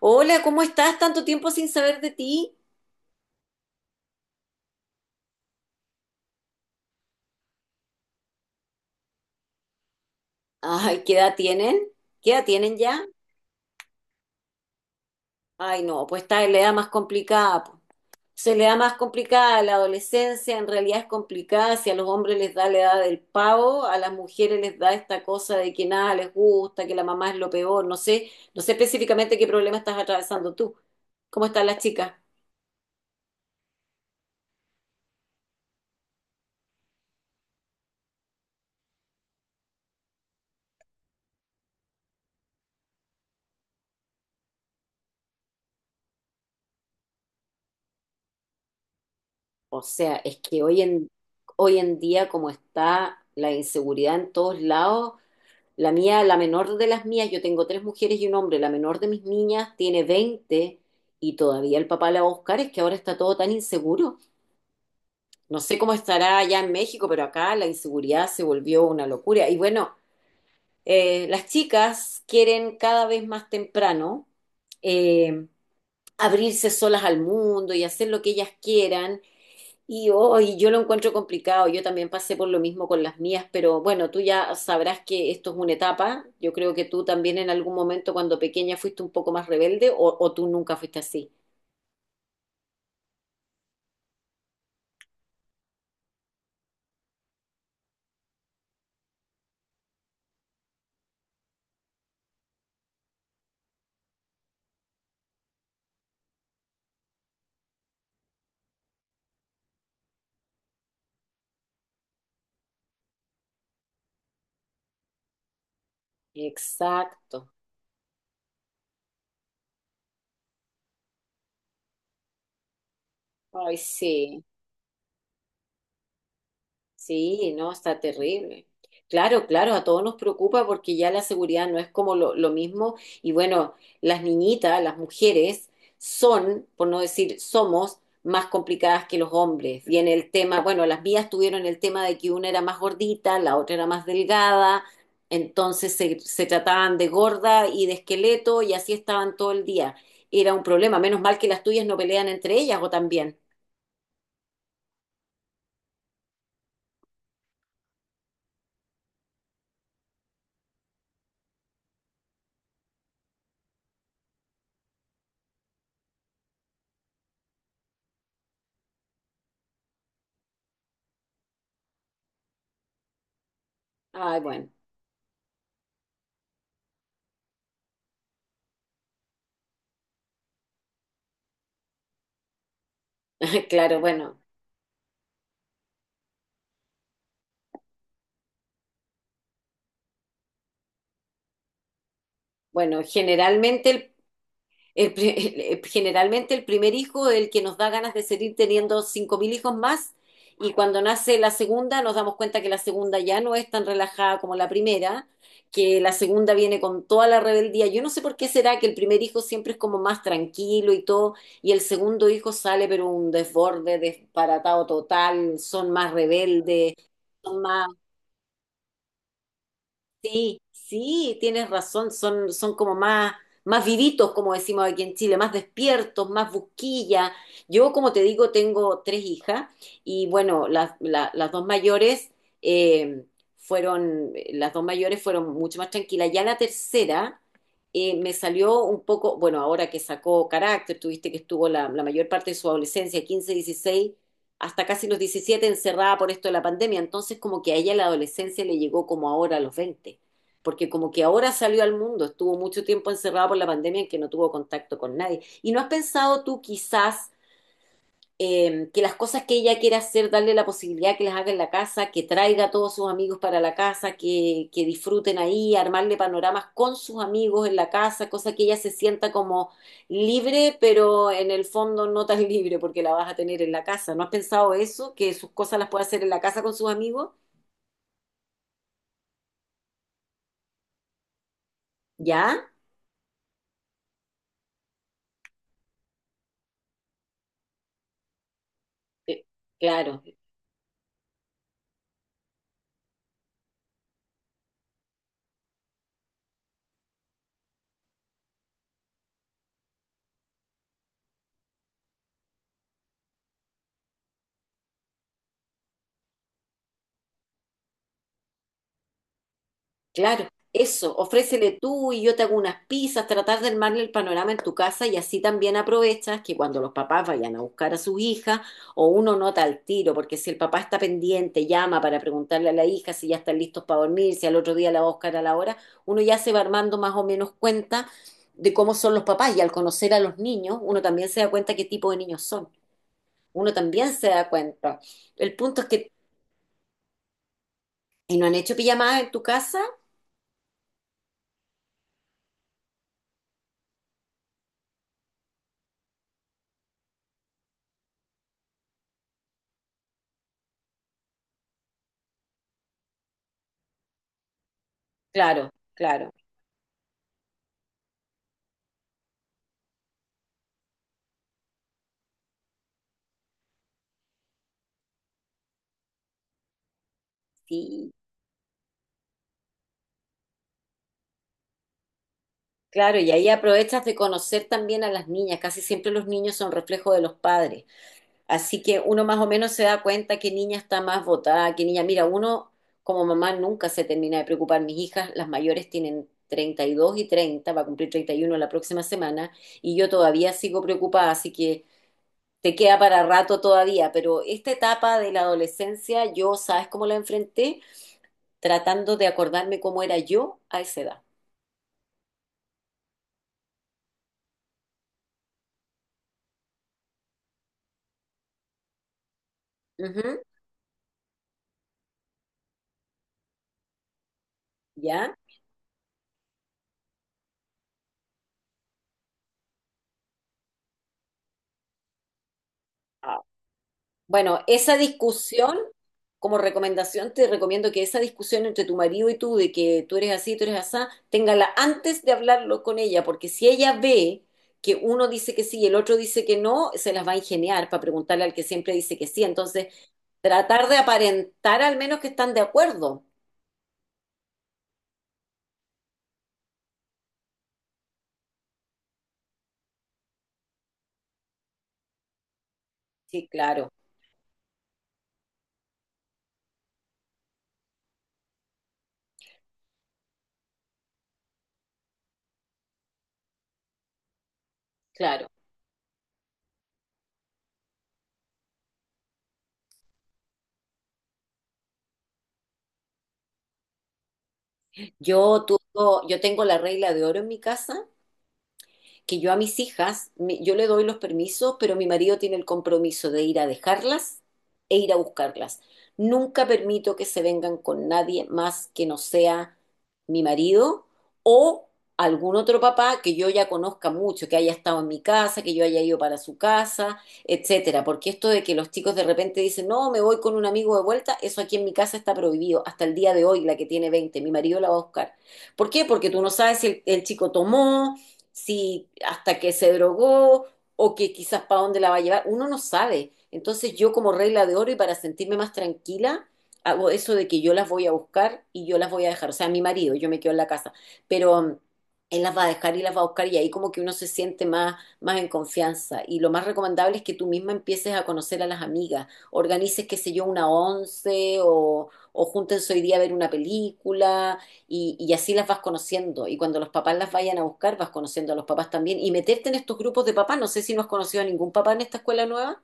Hola, ¿cómo estás? Tanto tiempo sin saber de ti. Ay, ¿qué edad tienen? ¿Qué edad tienen ya? Ay, no, pues está en la edad más complicada, po. Se le da más complicada la adolescencia, en realidad es complicada. Si a los hombres les da la edad del pavo, a las mujeres les da esta cosa de que nada les gusta, que la mamá es lo peor. No sé específicamente qué problema estás atravesando tú. ¿Cómo están las chicas? O sea, es que hoy en día, como está la inseguridad en todos lados, la mía, la menor de las mías, yo tengo tres mujeres y un hombre, la menor de mis niñas tiene 20 y todavía el papá la va a buscar, es que ahora está todo tan inseguro. No sé cómo estará allá en México, pero acá la inseguridad se volvió una locura. Y bueno, las chicas quieren cada vez más temprano eh, abrirse solas al mundo y hacer lo que ellas quieran. Y hoy yo lo encuentro complicado. Yo también pasé por lo mismo con las mías, pero bueno, tú ya sabrás que esto es una etapa. Yo creo que tú también en algún momento cuando pequeña fuiste un poco más rebelde o tú nunca fuiste así. Exacto. Ay, sí. Sí, no, está terrible. Claro, claro, a todos nos preocupa porque ya la seguridad no es como lo mismo. Y bueno, las niñitas, las mujeres, son, por no decir somos, más complicadas que los hombres. Viene el tema, bueno, las vías tuvieron el tema de que una era más gordita, la otra era más delgada, entonces se trataban de gorda y de esqueleto y así estaban todo el día. Era un problema, menos mal que las tuyas no pelean entre ellas o también. Ay, bueno, claro, bueno. Bueno, generalmente el pri- generalmente el primer hijo es el que nos da ganas de seguir teniendo 5.000 hijos más y cuando nace la segunda nos damos cuenta que la segunda ya no es tan relajada como la primera, que la segunda viene con toda la rebeldía. Yo no sé por qué será que el primer hijo siempre es como más tranquilo y todo y el segundo hijo sale pero un desborde, desparatado total, son más rebeldes. Sí, sí, tienes razón, son como más, más vivitos, como decimos aquí en Chile, más despiertos, más busquilla. Yo, como te digo, tengo tres hijas y bueno, eh, las dos mayores fueron mucho más tranquilas. Ya la tercera me salió un poco, bueno, ahora que sacó carácter, tuviste que estuvo la mayor parte de su adolescencia, 15 16 hasta casi los 17 encerrada por esto de la pandemia, entonces como que a ella la adolescencia le llegó como ahora a los 20 porque como que ahora salió al mundo, estuvo mucho tiempo encerrado por la pandemia en que no tuvo contacto con nadie. ¿Y no has pensado tú quizás que las cosas que ella quiere hacer, darle la posibilidad que las haga en la casa, que traiga a todos sus amigos para la casa, que disfruten ahí, armarle panoramas con sus amigos en la casa, cosa que ella se sienta como libre, pero en el fondo no tan libre porque la vas a tener en la casa? ¿No has pensado eso? Que sus cosas las puede hacer en la casa con sus amigos. ¿Ya? Eh, Claro. Claro, eso, ofrécele tú y yo te hago unas pizzas, tratar de armarle el panorama en tu casa y así también aprovechas que cuando los papás vayan a buscar a sus hijas o uno nota al tiro, porque si el papá está pendiente, llama para preguntarle a la hija si ya están listos para dormir, si al otro día la va a buscar a la hora, uno ya se va armando más o menos cuenta de cómo son los papás y al conocer a los niños, uno también se da cuenta qué tipo de niños son, uno también se da cuenta. El punto es que, ¿y no han hecho pijamadas en tu casa? Claro, claro. Sí, claro, y ahí aprovechas de conocer también a las niñas. Casi siempre los niños son reflejo de los padres. Así que uno más o menos se da cuenta qué niña está más votada, qué niña. Mira, uno como mamá nunca se termina de preocupar. Mis hijas, las mayores, tienen 32 y 30, va a cumplir 31 la próxima semana, y yo todavía sigo preocupada, así que te queda para rato todavía. Pero esta etapa de la adolescencia, yo, ¿sabes cómo la enfrenté? Tratando de acordarme cómo era yo a esa edad. Ujú. ¿Ya? Bueno, esa discusión, como recomendación, te recomiendo que esa discusión entre tu marido y tú, de que tú eres así, tú eres asá, téngala antes de hablarlo con ella, porque si ella ve que uno dice que sí y el otro dice que no, se las va a ingeniar para preguntarle al que siempre dice que sí. Entonces, tratar de aparentar al menos que están de acuerdo. Sí, claro, claro. Yo, tu- yo tengo la regla de oro en mi casa que yo a mis hijas, yo le doy los permisos, pero mi marido tiene el compromiso de ir a dejarlas e ir a buscarlas. Nunca permito que se vengan con nadie más que no sea mi marido o algún otro papá que yo ya conozca mucho, que haya estado en mi casa, que yo haya ido para su casa, etcétera. Porque esto de que los chicos de repente dicen, no, me voy con un amigo de vuelta, eso aquí en mi casa está prohibido. Hasta el día de hoy, la que tiene 20 mi marido la va a buscar. ¿Por qué? Porque tú no sabes si el chico tomó, si hasta que se drogó o que quizás para dónde la va a llevar, uno no sabe. Entonces yo como regla de oro y para sentirme más tranquila, hago eso de que yo las voy a buscar y yo las voy a dejar, o sea, mi marido, yo me quedo en la casa, pero él las va a dejar y las va a buscar y ahí como que uno se siente más, más en confianza. Y lo más recomendable es que tú misma empieces a conocer a las amigas, organices, qué sé yo, una once o júntense hoy día a ver una película y así las vas conociendo. Y cuando los papás las vayan a buscar, vas conociendo a los papás también. Y meterte en estos grupos de papás. No sé si no has conocido a ningún papá en esta escuela nueva.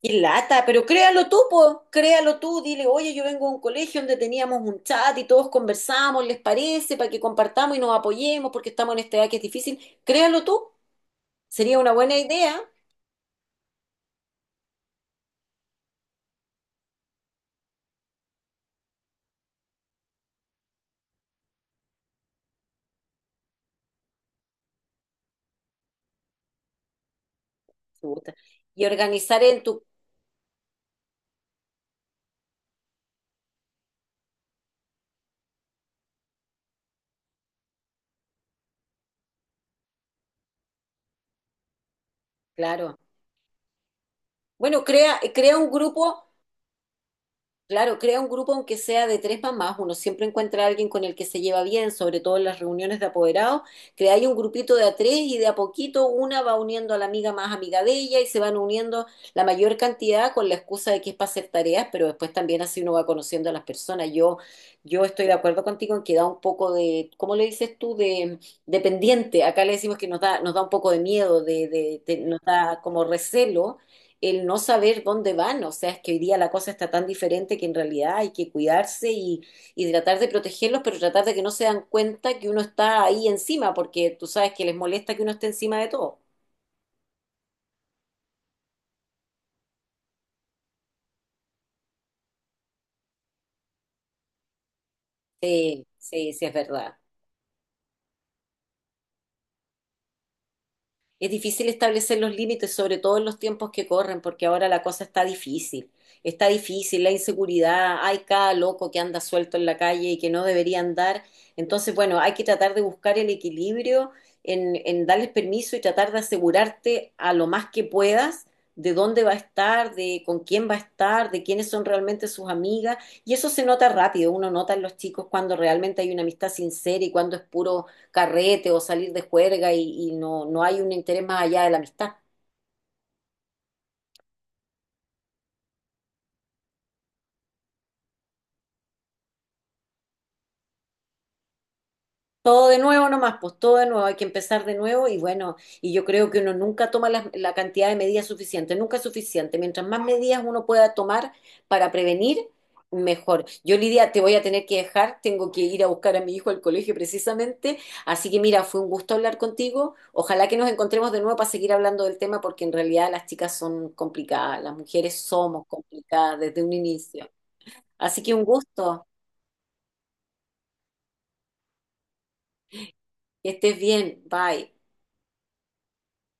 Y lata, pero créalo tú, po, créalo tú, dile, oye, yo vengo de un colegio donde teníamos un chat y todos conversamos, ¿les parece? Para que compartamos y nos apoyemos porque estamos en esta edad que es difícil. Créalo tú, sería una buena idea. Puta. Y organizar en tu, claro. Bueno, crea un grupo. Claro, crea un grupo aunque sea de tres mamás, uno siempre encuentra a alguien con el que se lleva bien, sobre todo en las reuniones de apoderados, crea ahí un grupito de a tres y de a poquito una va uniendo a la amiga más amiga de ella y se van uniendo la mayor cantidad con la excusa de que es para hacer tareas, pero después también así uno va conociendo a las personas. Yo estoy de acuerdo contigo en que da un poco de, ¿cómo le dices tú? De pendiente, acá le decimos que nos da, un poco de miedo, nos da como recelo el no saber dónde van, o sea, es que hoy día la cosa está tan diferente que en realidad hay que cuidarse y tratar de protegerlos, pero tratar de que no se dan cuenta que uno está ahí encima, porque tú sabes que les molesta que uno esté encima de todo. Sí, sí, sí, es verdad. Es difícil establecer los límites, sobre todo en los tiempos que corren, porque ahora la cosa está difícil. Está difícil, la inseguridad, hay cada loco que anda suelto en la calle y que no debería andar. Entonces, bueno, hay que tratar de buscar el equilibrio en darles permiso y tratar de asegurarte a lo más que puedas de dónde va a estar, de con quién va a estar, de quiénes son realmente sus amigas. Y eso se nota rápido, uno nota en los chicos cuando realmente hay una amistad sincera y cuando es puro carrete o salir de juerga y no, no hay un interés más allá de la amistad. Todo de nuevo nomás, pues todo de nuevo, hay que empezar de nuevo y bueno, y yo creo que uno nunca toma la cantidad de medidas suficiente, nunca es suficiente. Mientras más medidas uno pueda tomar para prevenir, mejor. Yo, Lidia, te voy a tener que dejar, tengo que ir a buscar a mi hijo al colegio precisamente, así que mira, fue un gusto hablar contigo. Ojalá que nos encontremos de nuevo para seguir hablando del tema porque en realidad las chicas son complicadas, las mujeres somos complicadas desde un inicio. Así que un gusto, que estés bien, bye.